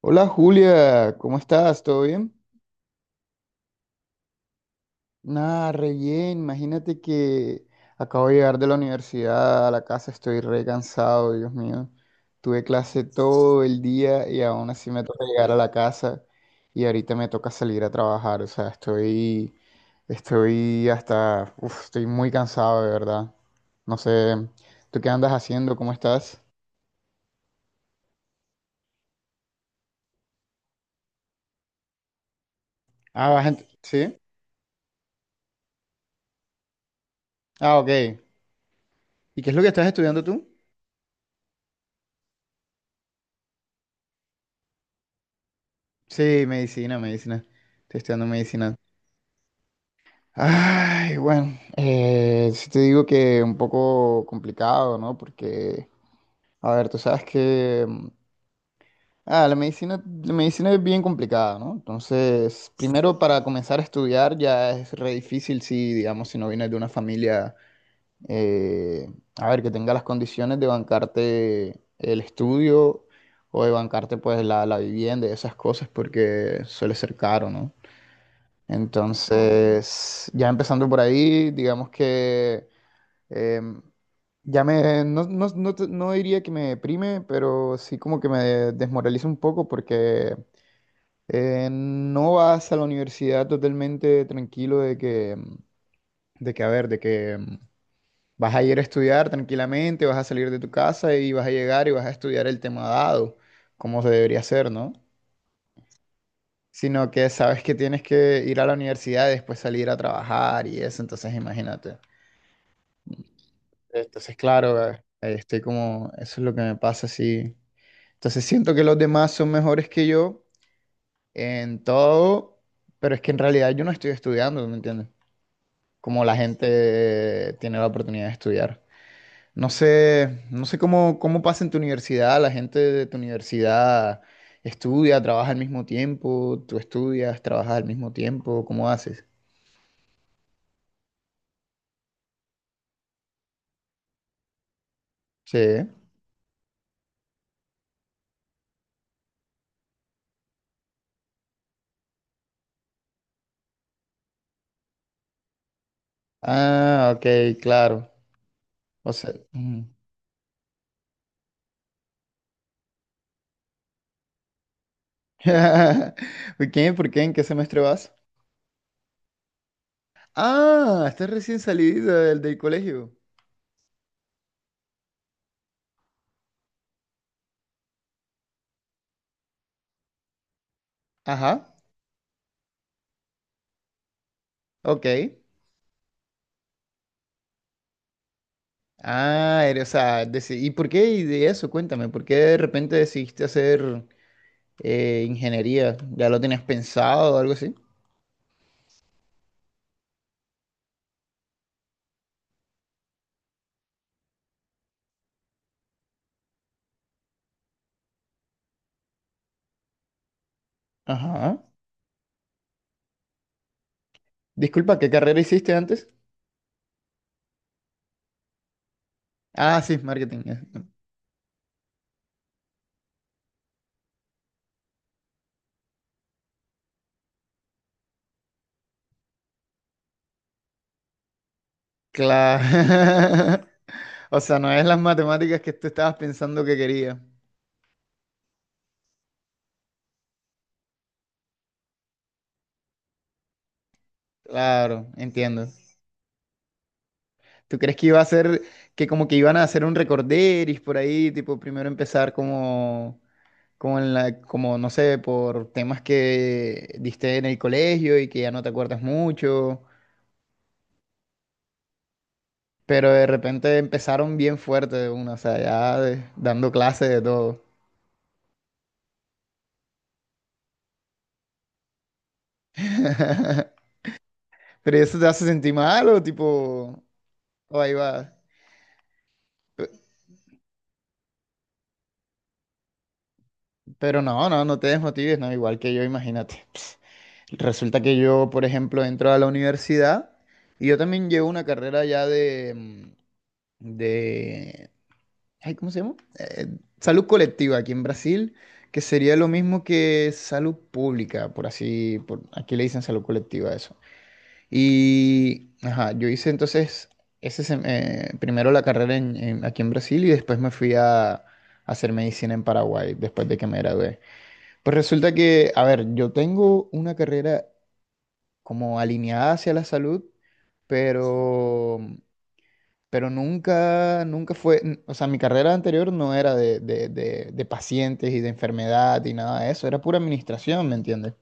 Hola, Julia, ¿cómo estás? ¿Todo bien? Nada, re bien. Imagínate que acabo de llegar de la universidad a la casa, estoy re cansado, Dios mío. Tuve clase todo el día y aún así me toca llegar a la casa y ahorita me toca salir a trabajar. O sea, estoy hasta, estoy muy cansado de verdad. No sé, ¿tú qué andas haciendo? ¿Cómo estás? Ah, ¿Sí? Ah, ok. ¿Y qué es lo que estás estudiando tú? Sí, medicina. Estoy estudiando medicina. Ay, bueno, sí te digo que un poco complicado, ¿no? Porque, a ver, tú sabes que la medicina es bien complicada, ¿no? Entonces, primero para comenzar a estudiar ya es re difícil si, digamos, si no vienes de una familia, eh, a ver, que tenga las condiciones de bancarte el estudio o de bancarte pues la vivienda y esas cosas porque suele ser caro, ¿no? Entonces, ya empezando por ahí, digamos que em, ya me, no diría que me deprime, pero sí como que me desmoraliza un poco porque no vas a la universidad totalmente tranquilo de que, de que, a ver, de que, vas a ir a estudiar tranquilamente, vas a salir de tu casa y vas a llegar y vas a estudiar el tema dado, como se debería hacer, ¿no? Sino que sabes que tienes que ir a la universidad y después salir a trabajar y eso, entonces imagínate. Entonces, claro, ahí estoy como, eso es lo que me pasa, sí. Entonces siento que los demás son mejores que yo en todo, pero es que en realidad yo no estoy estudiando, ¿me entiendes? Como la gente tiene la oportunidad de estudiar. No sé, no sé cómo, cómo pasa en tu universidad, la gente de tu universidad estudia, trabaja al mismo tiempo, tú estudias, trabajas al mismo tiempo, ¿cómo haces? Sí. Ah, ok, claro. O sea, mm. ¿Por qué? ¿Por qué? ¿En qué semestre vas? Ah, estás recién salido del colegio. Ajá, ok. Ah, eres, o sea, ¿y por qué y de eso? Cuéntame, ¿por qué de repente decidiste hacer ingeniería? ¿Ya lo tenías pensado o algo así? Ajá. Disculpa, ¿qué carrera hiciste antes? Ah, sí, marketing. Claro. O sea, no es las matemáticas que tú estabas pensando que quería. Claro, entiendo. ¿Tú crees que iba a ser, que como que iban a hacer un recorderis por ahí, tipo primero empezar como, como en la, como no sé, por temas que diste en el colegio y que ya no te acuerdas mucho, pero de repente empezaron bien fuerte de una, o sea, dando clases de todo. Pero eso te hace sentir mal o tipo, o ahí va. Pero no, no, no te desmotives, no, igual que yo, imagínate. Ps, resulta que yo, por ejemplo, entro a la universidad y yo también llevo una carrera ya de, de, ay, ¿cómo se llama? Salud colectiva aquí en Brasil, que sería lo mismo que salud pública, por así, por, aquí le dicen salud colectiva a eso. Y, ajá, yo hice entonces ese, primero la carrera aquí en Brasil y después me fui a hacer medicina en Paraguay, después de que me gradué. Pues resulta que, a ver, yo tengo una carrera como alineada hacia la salud, pero, pero nunca, o sea, mi carrera anterior no era de, de pacientes y de enfermedad y nada de eso, era pura administración, ¿me entiendes?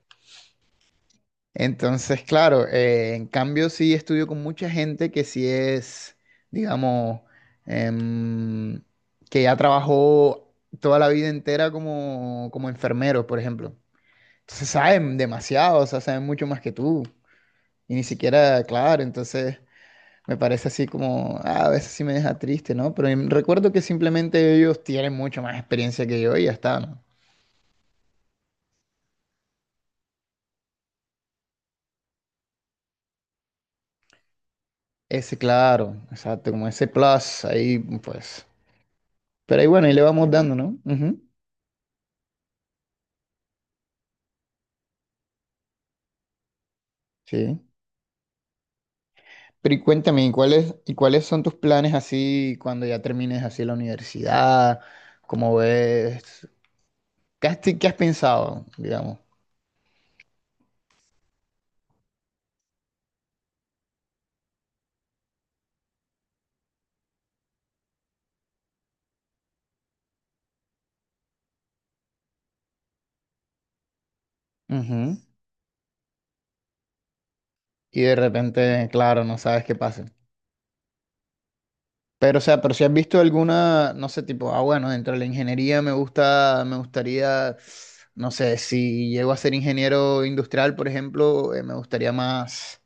Entonces, claro, en cambio sí estudio con mucha gente que sí es, digamos, em, que ya trabajó toda la vida entera como, como enfermero, por ejemplo. Se saben demasiado, o sea, saben mucho más que tú. Y ni siquiera, claro, entonces me parece así como, ah, a veces sí me deja triste, ¿no? Pero recuerdo que simplemente ellos tienen mucho más experiencia que yo y ya está, ¿no? Ese, claro, exacto, como ese plus ahí, pues. Pero ahí bueno, ahí le vamos dando, ¿no? Ujú, sí. Pero y cuéntame, y cuáles son tus planes así cuando ya termines así la universidad? ¿Cómo ves? Qué has pensado, digamos? Y de repente, claro, no sabes qué pasa. Pero, o sea, pero si has visto alguna, no sé, tipo, ah, bueno, dentro de la ingeniería me gusta, me gustaría, no sé, si llego a ser ingeniero industrial, por ejemplo, me gustaría más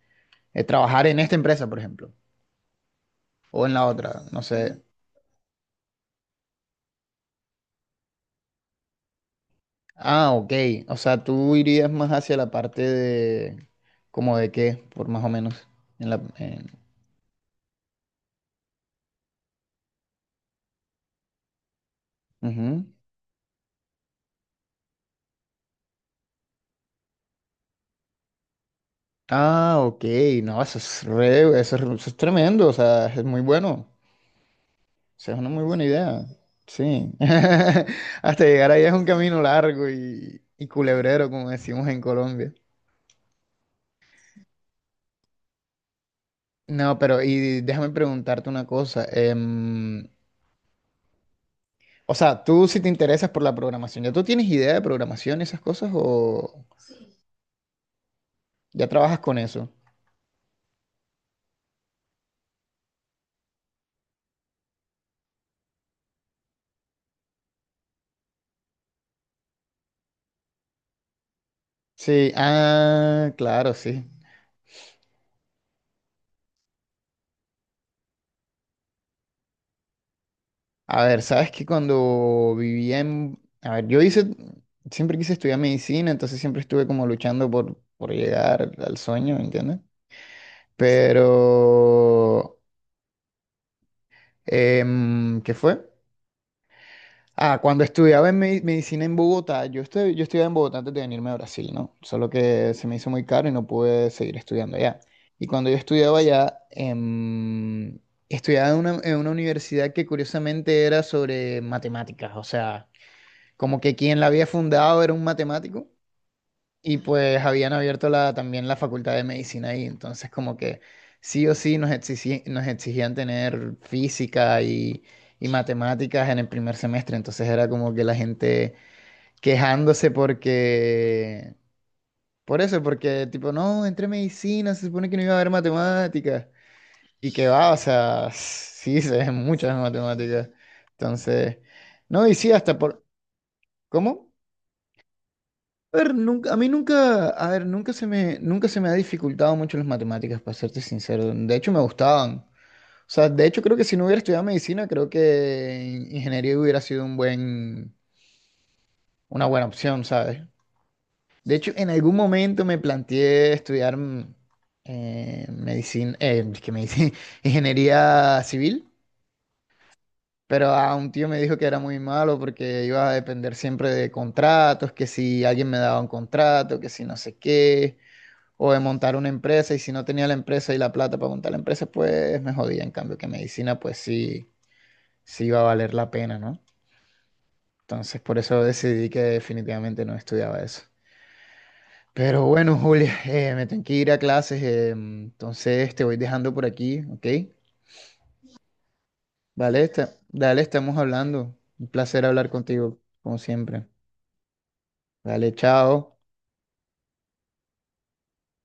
trabajar en esta empresa, por ejemplo, o en la otra, no sé. Ah, ok. O sea, tú irías más hacia la parte de, como de qué, por más o menos, en la, en- Ujú. Ah, ok, no, eso es eso es, eso es tremendo, o sea, es muy bueno. Esa es una muy buena idea. Sí. Hasta llegar ahí es un camino largo y culebrero, como decimos en Colombia. No, pero y déjame preguntarte una cosa. O sea, tú si te interesas por la programación, ¿ya tú tienes idea de programación y esas cosas o ya trabajas con eso? Sí, ah, claro, sí. A ver, sabes que cuando vivía en... A ver, yo hice... Siempre quise estudiar medicina, entonces siempre estuve como luchando por llegar al sueño, ¿entiendes? Pero, ¿qué fue? Ah, cuando estudiaba en medicina en Bogotá, yo, yo estudiaba en Bogotá antes de venirme a Brasil, ¿no? Solo que se me hizo muy caro y no pude seguir estudiando allá. Y cuando yo estudiaba allá, estudiaba en una universidad que curiosamente era sobre matemáticas, o sea, como que quien la había fundado era un matemático. Y pues habían abierto la, también la facultad de medicina ahí, entonces como que sí o sí nos exigían tener física y matemáticas en el primer semestre, entonces era como que la gente quejándose porque, por eso, porque tipo, no, entré medicina, se supone que no iba a haber matemáticas, y que va, o sea, sí se ven muchas matemáticas, entonces, no, y sí, hasta por, ¿cómo? A ver, nunca, a mí nunca, a ver, nunca se me, nunca se me ha dificultado mucho las matemáticas, para serte sincero. De hecho, me gustaban. O sea, de hecho, creo que si no hubiera estudiado medicina, creo que ingeniería hubiera sido un buen, una buena opción, ¿sabes? De hecho, en algún momento me planteé estudiar medicina, es que medicina, ingeniería civil, pero a un tío me dijo que era muy malo porque iba a depender siempre de contratos, que si alguien me daba un contrato, que si no sé qué. O de montar una empresa, y si no tenía la empresa y la plata para montar la empresa, pues me jodía. En cambio, que medicina, pues sí, sí iba a valer la pena, ¿no? Entonces, por eso decidí que definitivamente no estudiaba eso. Pero bueno, Julia, me tengo que ir a clases, entonces te voy dejando por aquí, ¿ok? Vale, dale, estamos hablando. Un placer hablar contigo, como siempre. Dale, chao.